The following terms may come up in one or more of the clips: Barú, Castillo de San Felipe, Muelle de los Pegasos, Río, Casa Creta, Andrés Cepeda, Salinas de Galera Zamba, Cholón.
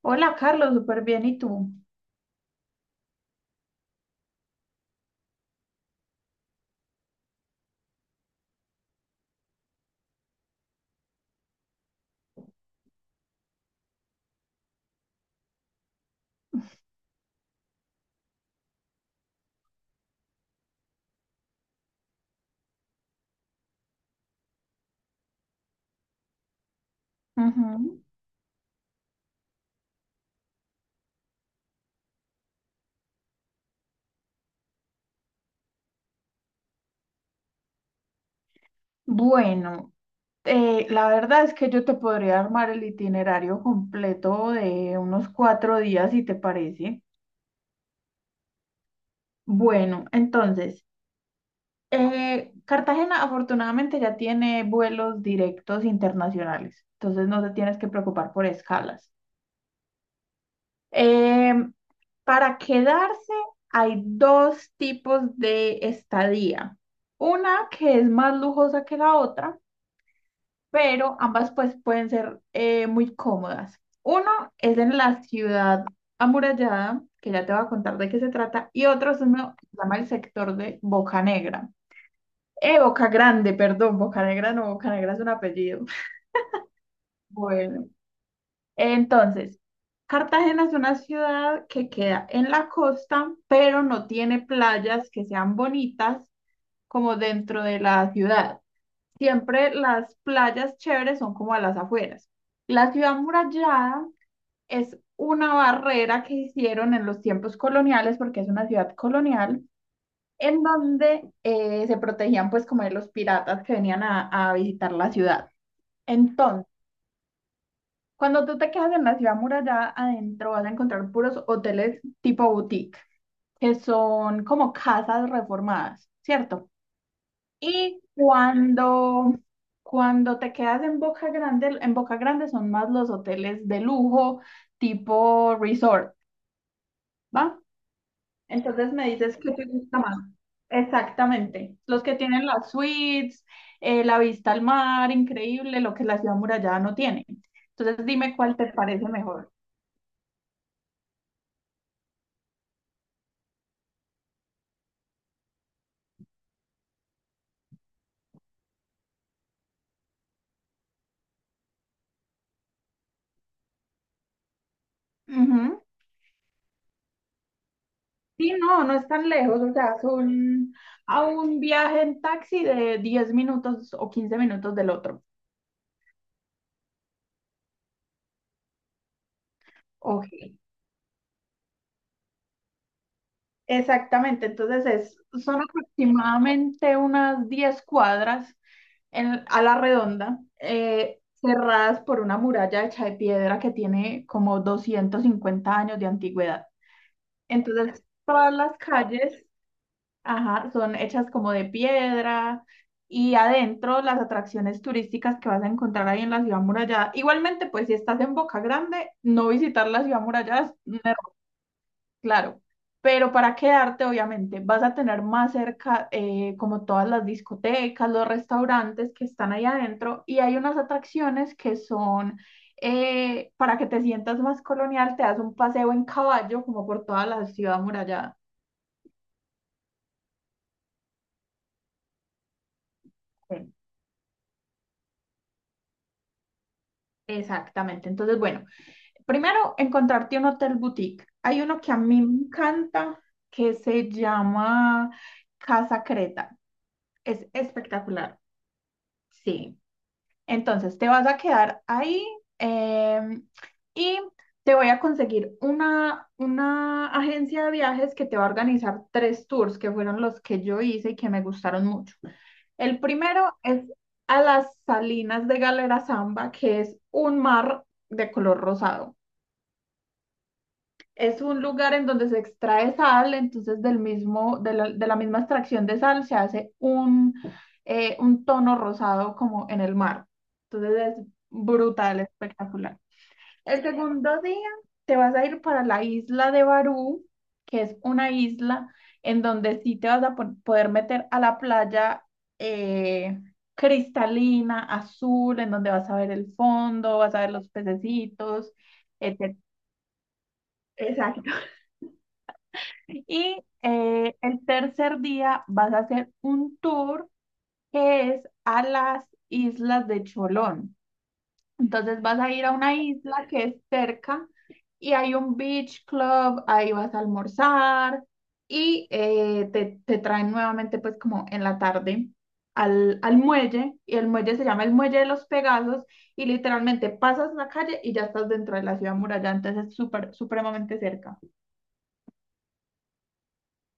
Hola Carlos, súper bien. ¿Y tú? Ujú. Bueno, la verdad es que yo te podría armar el itinerario completo de unos 4 días, si te parece. Bueno, entonces, Cartagena afortunadamente ya tiene vuelos directos internacionales, entonces no te tienes que preocupar por escalas. Em, para quedarse hay dos tipos de estadía. Una que es más lujosa que la otra, pero ambas pues pueden ser muy cómodas. Uno es en la ciudad amurallada, que ya te voy a contar de qué se trata, y otro es uno que se llama el sector de Boca Negra. Boca Grande, perdón, Boca Negra no, Boca Negra es un apellido. Bueno, entonces, Cartagena es una ciudad que queda en la costa, pero no tiene playas que sean bonitas como dentro de la ciudad. Siempre las playas chéveres son como a las afueras. La ciudad murallada es una barrera que hicieron en los tiempos coloniales, porque es una ciudad colonial, en donde se protegían pues como de los piratas que venían a visitar la ciudad. Entonces, cuando tú te quedas en la ciudad murallada, adentro vas a encontrar puros hoteles tipo boutique, que son como casas reformadas, ¿cierto? Y cuando, cuando te quedas en Boca Grande son más los hoteles de lujo, tipo resort, ¿va? Entonces me dices qué te gusta más. Exactamente. Los que tienen las suites, la vista al mar, increíble, lo que la ciudad murallada no tiene. Entonces dime cuál te parece mejor. Ujú. Sí, no, no es tan lejos, o sea, son a un viaje en taxi de 10 minutos o 15 minutos del otro. Ok. Exactamente, entonces es, son aproximadamente unas 10 cuadras a la redonda, cerradas por una muralla hecha de piedra que tiene como 250 años de antigüedad. Entonces, todas las calles, ajá, son hechas como de piedra y adentro las atracciones turísticas que vas a encontrar ahí en la ciudad murallada. Igualmente, pues si estás en Boca Grande, no visitar la ciudad murallada es un... Claro, pero para quedarte, obviamente, vas a tener más cerca como todas las discotecas, los restaurantes que están ahí adentro, y hay unas atracciones que son para que te sientas más colonial, te das un paseo en caballo como por toda la ciudad amurallada. Sí. Exactamente. Entonces, bueno, primero encontrarte un hotel boutique. Hay uno que a mí me encanta que se llama Casa Creta. Es espectacular. Sí. Entonces, te vas a quedar ahí, em, y te voy a conseguir una agencia de viajes que te va a organizar tres tours que fueron los que yo hice y que me gustaron mucho. El primero es a las Salinas de Galera Zamba, que es un mar de color rosado. Es un lugar en donde se extrae sal, entonces del mismo, de la misma extracción de sal se hace un tono rosado como en el mar. Entonces es brutal, espectacular. El segundo día te vas a ir para la isla de Barú, que es una isla en donde sí te vas a poder meter a la playa, eh, cristalina, azul, en donde vas a ver el fondo, vas a ver los pececitos, etc. Y el tercer día vas a hacer un tour que es a las islas de Cholón. Entonces vas a ir a una isla que es cerca y hay un beach club, ahí vas a almorzar y te traen nuevamente pues como en la tarde al muelle, y el muelle se llama el Muelle de los Pegasos, y literalmente pasas la calle y ya estás dentro de la ciudad muralla, entonces es súper, supremamente cerca.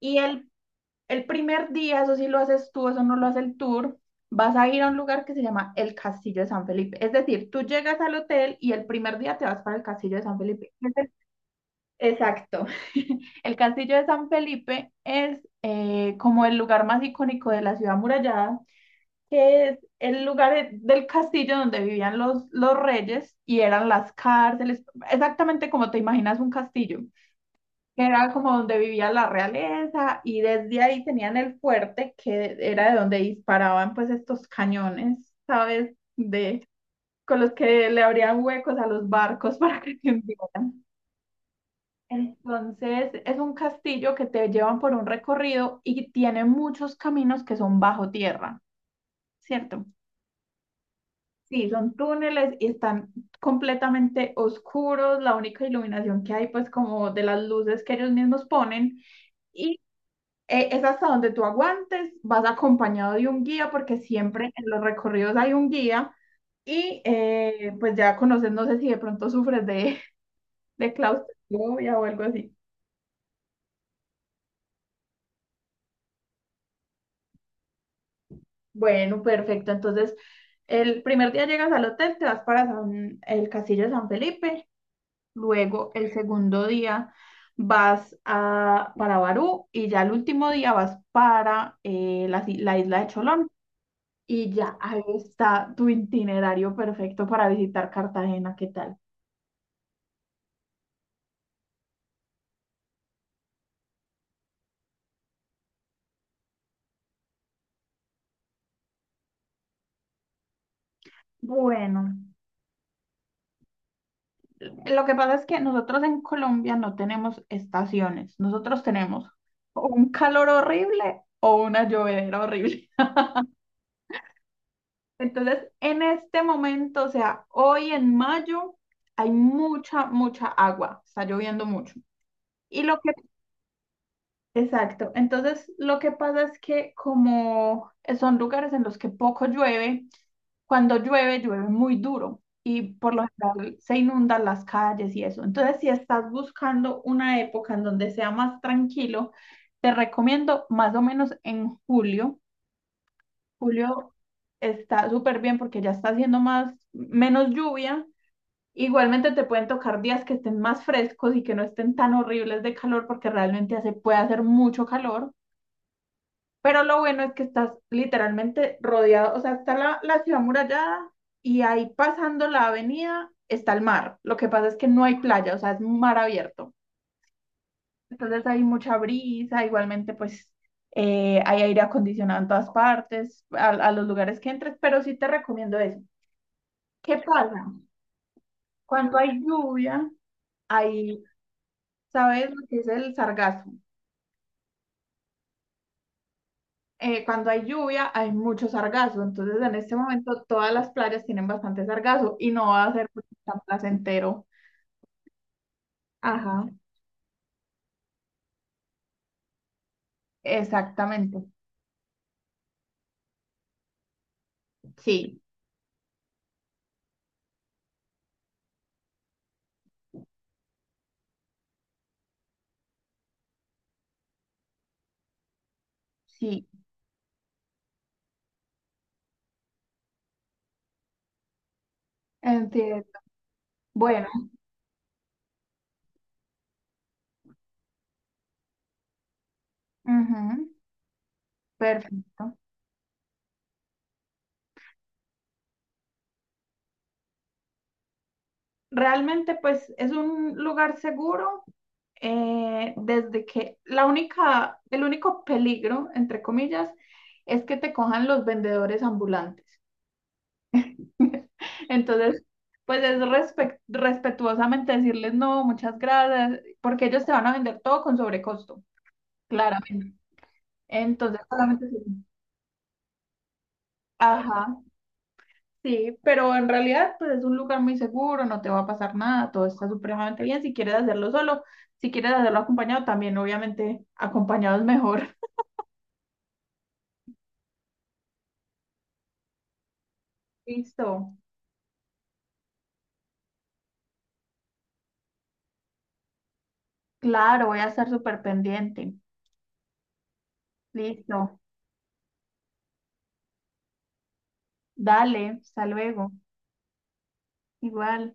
Y el El primer día, eso sí lo haces tú, eso no lo hace el tour, vas a ir a un lugar que se llama el Castillo de San Felipe. Es decir, tú llegas al hotel y el primer día te vas para el Castillo de San Felipe. Exacto. El Castillo de San Felipe es como el lugar más icónico de la ciudad amurallada, que es el lugar del castillo donde vivían los reyes y eran las cárceles, exactamente como te imaginas un castillo que era como donde vivía la realeza, y desde ahí tenían el fuerte, que era de donde disparaban pues estos cañones, ¿sabes? De, con los que le abrían huecos a los barcos para que se hundieran. Entonces es un castillo que te llevan por un recorrido y tiene muchos caminos que son bajo tierra, ¿cierto? Sí, son túneles y están completamente oscuros, la única iluminación que hay pues como de las luces que ellos mismos ponen. Y es hasta donde tú aguantes, vas acompañado de un guía, porque siempre en los recorridos hay un guía, y pues ya conoces, no sé si de pronto sufres de claustrofobia o algo así. Bueno, perfecto. Entonces, el primer día llegas al hotel, te vas para el Castillo de San Felipe, luego el segundo día vas a, para Barú, y ya el último día vas para la, si- la isla de Cholón. Y ya, ahí está tu itinerario perfecto para visitar Cartagena, ¿qué tal? Bueno, lo que pasa es que nosotros en Colombia no tenemos estaciones, nosotros tenemos o un calor horrible o una llovedera horrible. Entonces, en este momento, o sea, hoy en mayo, hay mucha, mucha agua, está lloviendo mucho. Y lo que, exacto, entonces lo que pasa es que como son lugares en los que poco llueve, cuando llueve, llueve muy duro y por lo general se inundan las calles y eso. Entonces, si estás buscando una época en donde sea más tranquilo, te recomiendo más o menos en julio. Julio está súper bien porque ya está haciendo más, menos lluvia. Igualmente te pueden tocar días que estén más frescos y que no estén tan horribles de calor, porque realmente hace, puede hacer mucho calor. Pero lo bueno es que estás literalmente rodeado, o sea, está la ciudad murallada y ahí pasando la avenida está el mar. Lo que pasa es que no hay playa, o sea, es mar abierto. Entonces hay mucha brisa, igualmente pues hay aire acondicionado en todas partes, a los lugares que entres, pero sí te recomiendo eso. ¿Qué pasa? Cuando hay lluvia, hay, ¿sabes lo que es el sargazo? Cuando hay lluvia hay mucho sargazo, entonces en este momento todas las playas tienen bastante sargazo y no va a ser pues, tan placentero. Ajá, exactamente. Sí, sí, entiendo. Bueno, ujú, perfecto. Realmente pues es un lugar seguro, desde que la única, el único peligro, entre comillas, es que te cojan los vendedores ambulantes. Entonces, pues es respetuosamente decirles no, muchas gracias, porque ellos te van a vender todo con sobrecosto, claramente. Entonces, solamente sí. Ajá, sí, pero en realidad, pues es un lugar muy seguro, no te va a pasar nada, todo está supremamente bien. Si quieres hacerlo solo, si quieres hacerlo acompañado, también obviamente acompañado es mejor. Listo, claro, voy a estar súper pendiente. Listo, dale, hasta luego, igual.